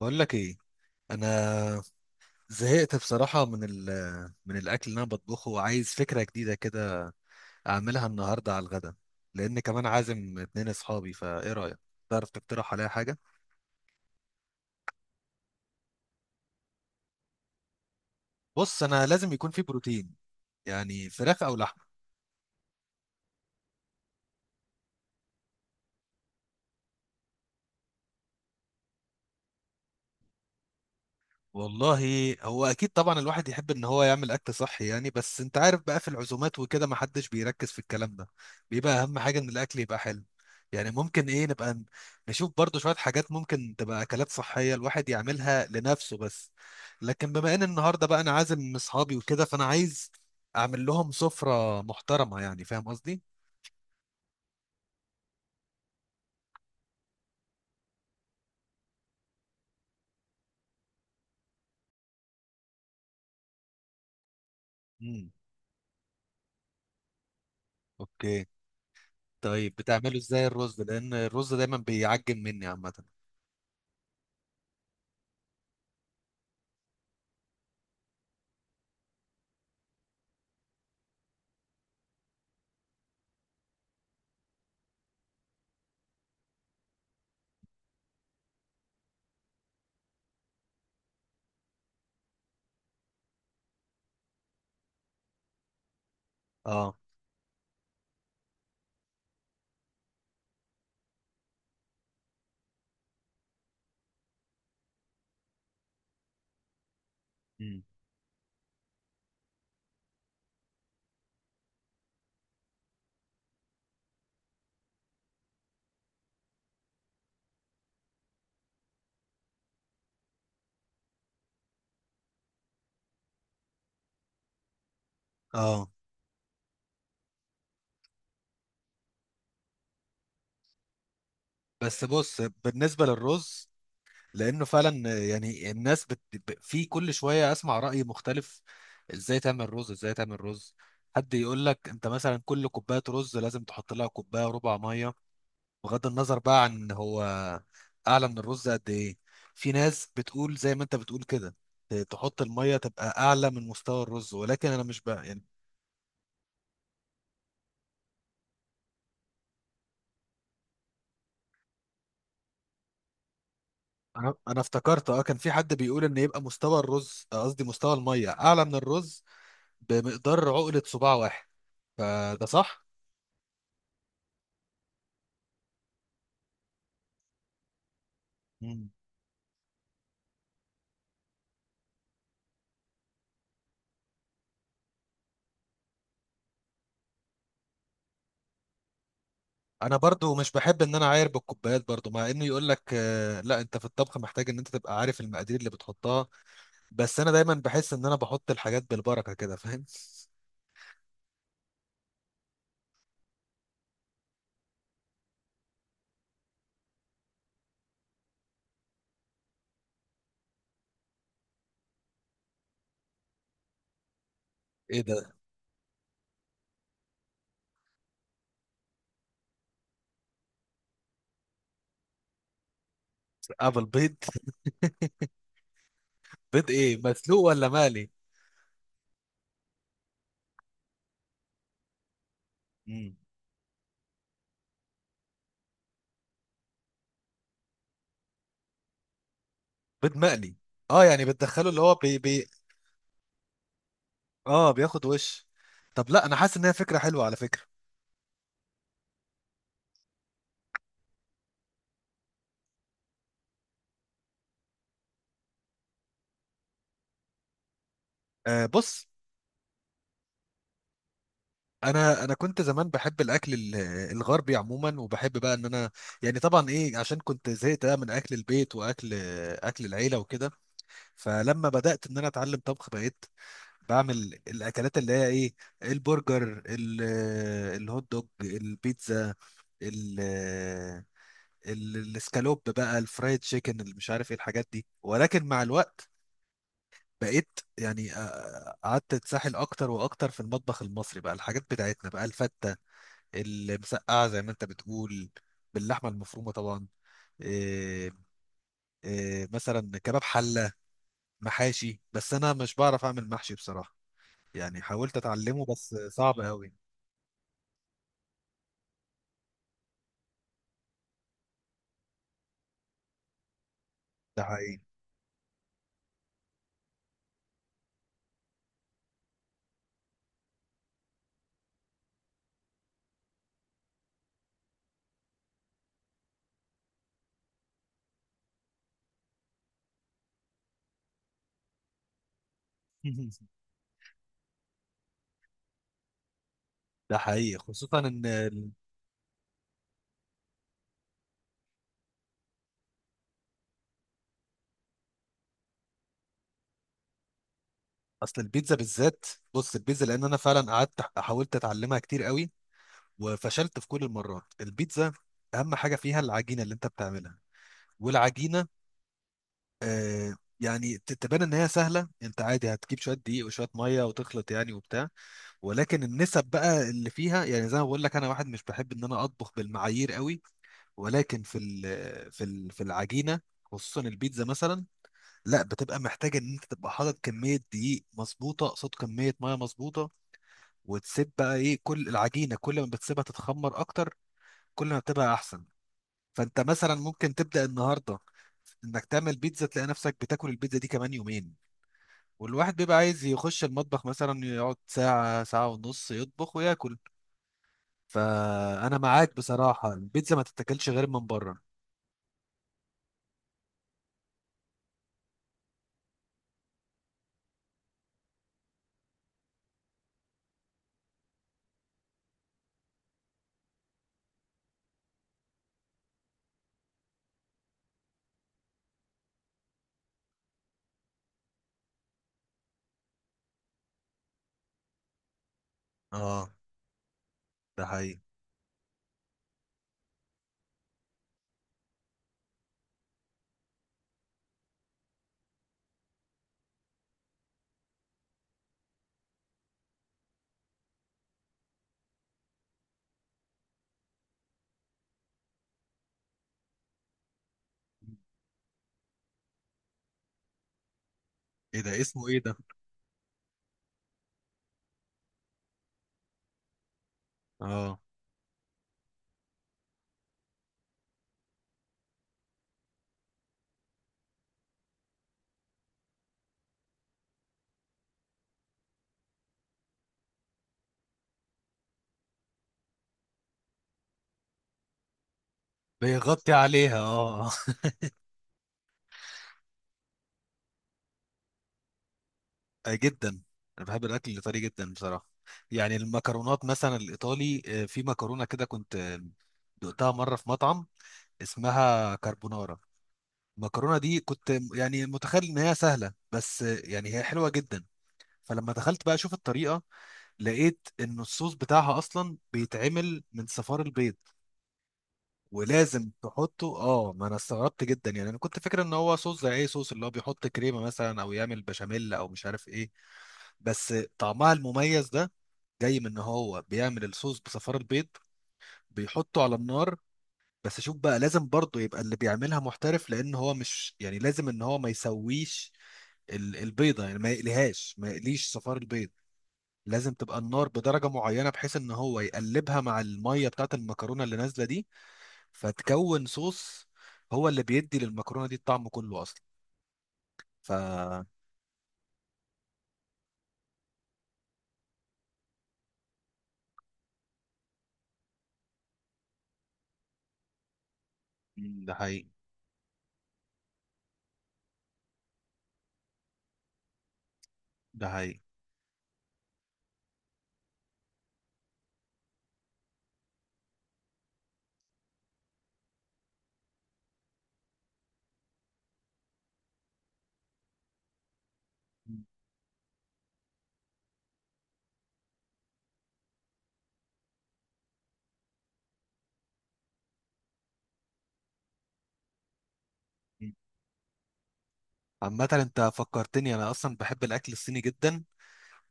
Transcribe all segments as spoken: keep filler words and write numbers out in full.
بقول لك ايه؟ انا زهقت بصراحه من ال من الاكل اللي انا بطبخه، وعايز فكره جديده كده اعملها النهارده على الغدا، لان كمان عازم اتنين اصحابي. فايه رايك، تعرف تقترح عليا حاجه؟ بص، انا لازم يكون في بروتين، يعني فراخ او لحم. والله هو اكيد طبعا الواحد يحب ان هو يعمل اكل صحي يعني، بس انت عارف بقى في العزومات وكده ما حدش بيركز في الكلام ده. بيبقى اهم حاجه ان الاكل يبقى حلو. يعني ممكن ايه نبقى ن- نشوف برضو شويه حاجات ممكن تبقى اكلات صحيه الواحد يعملها لنفسه بس. لكن بما ان النهارده بقى انا عازم اصحابي وكده، فانا عايز اعمل لهم سفره محترمه، يعني فاهم قصدي. امم اوكي. طيب بتعمله ازاي الرز، لان الرز دايما بيعجن مني عامه. اه. امم اه، بس بص، بالنسبة للرز، لأنه فعلا يعني الناس بت... ب- في كل شوية أسمع رأي مختلف. إزاي تعمل رز، إزاي تعمل رز. حد يقول لك أنت مثلا كل كوباية رز لازم تحط لها كوباية ربع مية، بغض النظر بقى عن هو أعلى من الرز قد إيه. في ناس بتقول زي ما أنت بتقول كده، ت- تحط المية تبقى أعلى من مستوى الرز، ولكن أنا مش بقى يعني. أنا أنا افتكرت أه، كان في حد بيقول إن يبقى مستوى الرز، قصدي مستوى المية، أعلى من الرز بمقدار عقلة صباع واحد. فده صح؟ مم. انا برضو مش بحب ان انا اعاير بالكوبايات برضو، مع انه يقول لك آه، لا، انت في الطبخ محتاج ان انت تبقى عارف المقادير اللي بتحطها. بس انا دايما بحس ان انا بحط الحاجات بالبركة كده، فاهم؟ ايه ده؟ قبل بيض. بيض ايه، مسلوق ولا مقلي؟ مم. بيض مقلي. اه، يعني بتدخله اللي هو بي بي اه، بياخد وش. طب لا، انا حاسس ان هي فكرة حلوة على فكرة. آه بص، انا انا كنت زمان بحب الاكل ال- الغربي عموما، وبحب بقى ان انا، يعني طبعا ايه، عشان كنت زهقت بقى من اكل البيت واكل اكل العيله وكده. فلما بدات ان انا اتعلم طبخ، بقيت بعمل الاكلات اللي هي ايه: البرجر، ال- الهوت دوج، البيتزا، ال ال- الاسكالوب بقى، الفرايد تشيكن، اللي مش عارف ايه الحاجات دي. ولكن مع الوقت بقيت يعني، آه، قعدت اتسحل اكتر واكتر في المطبخ المصري بقى، الحاجات بتاعتنا بقى: الفته، المسقعه زي ما انت بتقول باللحمه المفرومه طبعا، إيه، إيه مثلا كباب حله، محاشي. بس انا مش بعرف اعمل محشي بصراحه، يعني حاولت اتعلمه بس صعب قوي. ده حقيقي. ده حقيقي، خصوصا ان ال- اصل البيتزا بالذات. بص البيتزا، لان انا فعلا قعدت حاولت اتعلمها كتير قوي، وفشلت في كل المرات. البيتزا اهم حاجه فيها العجينه اللي انت بتعملها، والعجينه آه، يعني ت- تبان ان هي سهله، انت عادي هتجيب شويه دقيق وشويه ميه وتخلط يعني وبتاع. ولكن النسب بقى اللي فيها، يعني زي ما بقول لك، انا واحد مش بحب ان انا اطبخ بالمعايير قوي. ولكن في ال في ال في العجينه خصوصا البيتزا مثلا، لا بتبقى محتاجه ان انت تبقى حاطط كميه دقيق مظبوطه قصاد كميه ميه مظبوطه. وتسيب بقى ايه كل العجينه، كل ما بتسيبها تتخمر اكتر كل ما بتبقى احسن. فانت مثلا ممكن تبدا النهارده انك تعمل بيتزا تلاقي نفسك بتاكل البيتزا دي كمان يومين، والواحد بيبقى عايز يخش المطبخ مثلا يقعد ساعة ساعة ونص يطبخ وياكل. فانا معاك بصراحه، البيتزا ما تتاكلش غير من بره. اه، ده حقيقي. ايه ده، اسمه ايه ده؟ اه، بيغطي عليها، اه. آه، جدا. انا بحب الاكل الايطالي جدا بصراحه. يعني المكرونات مثلا الايطالي، آه، في مكرونه كده كنت آه، دقتها مره في مطعم، اسمها كاربونارا. المكرونه دي كنت م- يعني متخيل ان هي سهله، بس آه، يعني هي حلوه جدا. فلما دخلت بقى اشوف الطريقه، لقيت ان الصوص بتاعها اصلا بيتعمل من صفار البيض، ولازم تحطه. اه، ما انا استغربت جدا يعني، انا كنت فاكر ان هو صوص زي اي صوص اللي هو بيحط كريمه مثلا، او يعمل بشاميل او مش عارف ايه. بس طعمها المميز ده جاي من ان هو بيعمل الصوص بصفار البيض، بيحطه على النار. بس شوف بقى، لازم برضه يبقى اللي بيعملها محترف، لان هو مش، يعني لازم ان هو ما يسويش ال- البيضه يعني، ما يقليهاش، ما يقليش صفار البيض. لازم تبقى النار بدرجه معينه بحيث ان هو يقلبها مع الميه بتاعت المكرونه اللي نازله دي، فتكون صوص. هو اللي بيدي للمكرونه دي الطعم كله اصلا. ف... مم، ده حقيقي. ده حقيقي. مم. مم. عامة، انت فكرتني، انا اصلا بحب الاكل الصيني جدا.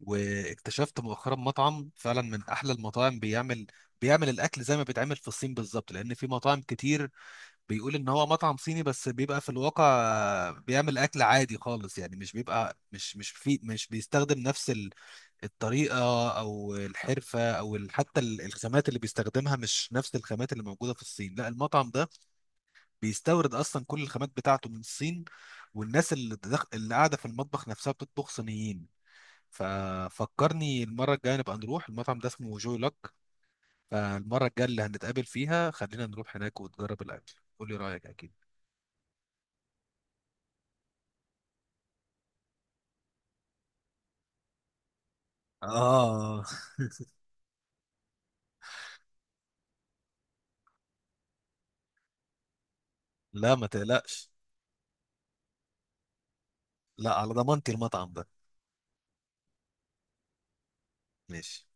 واكتشفت مؤخرا مطعم فعلا من احلى المطاعم، بيعمل بيعمل الاكل زي ما بيتعمل في الصين بالظبط. لان في مطاعم كتير بيقول ان هو مطعم صيني بس بيبقى في الواقع بيعمل اكل عادي خالص، يعني مش بيبقى، مش مش في مش بيستخدم نفس الطريقة أو الحرفة أو ال- حتى ال- الخامات اللي بيستخدمها، مش نفس الخامات اللي موجودة في الصين. لا، المطعم ده بيستورد أصلا كل الخامات بتاعته من الصين، والناس اللي دخ... اللي قاعدة في المطبخ نفسها بتطبخ صينيين. ففكرني المرة الجاية نبقى نروح المطعم ده، اسمه جوي لوك. فالمرة الجاية اللي هنتقابل فيها خلينا نروح هناك وتجرب الأكل، قولي رأيك أكيد. اه، لا ما تقلقش. لا، على ضمانتي المطعم ده. ماشي.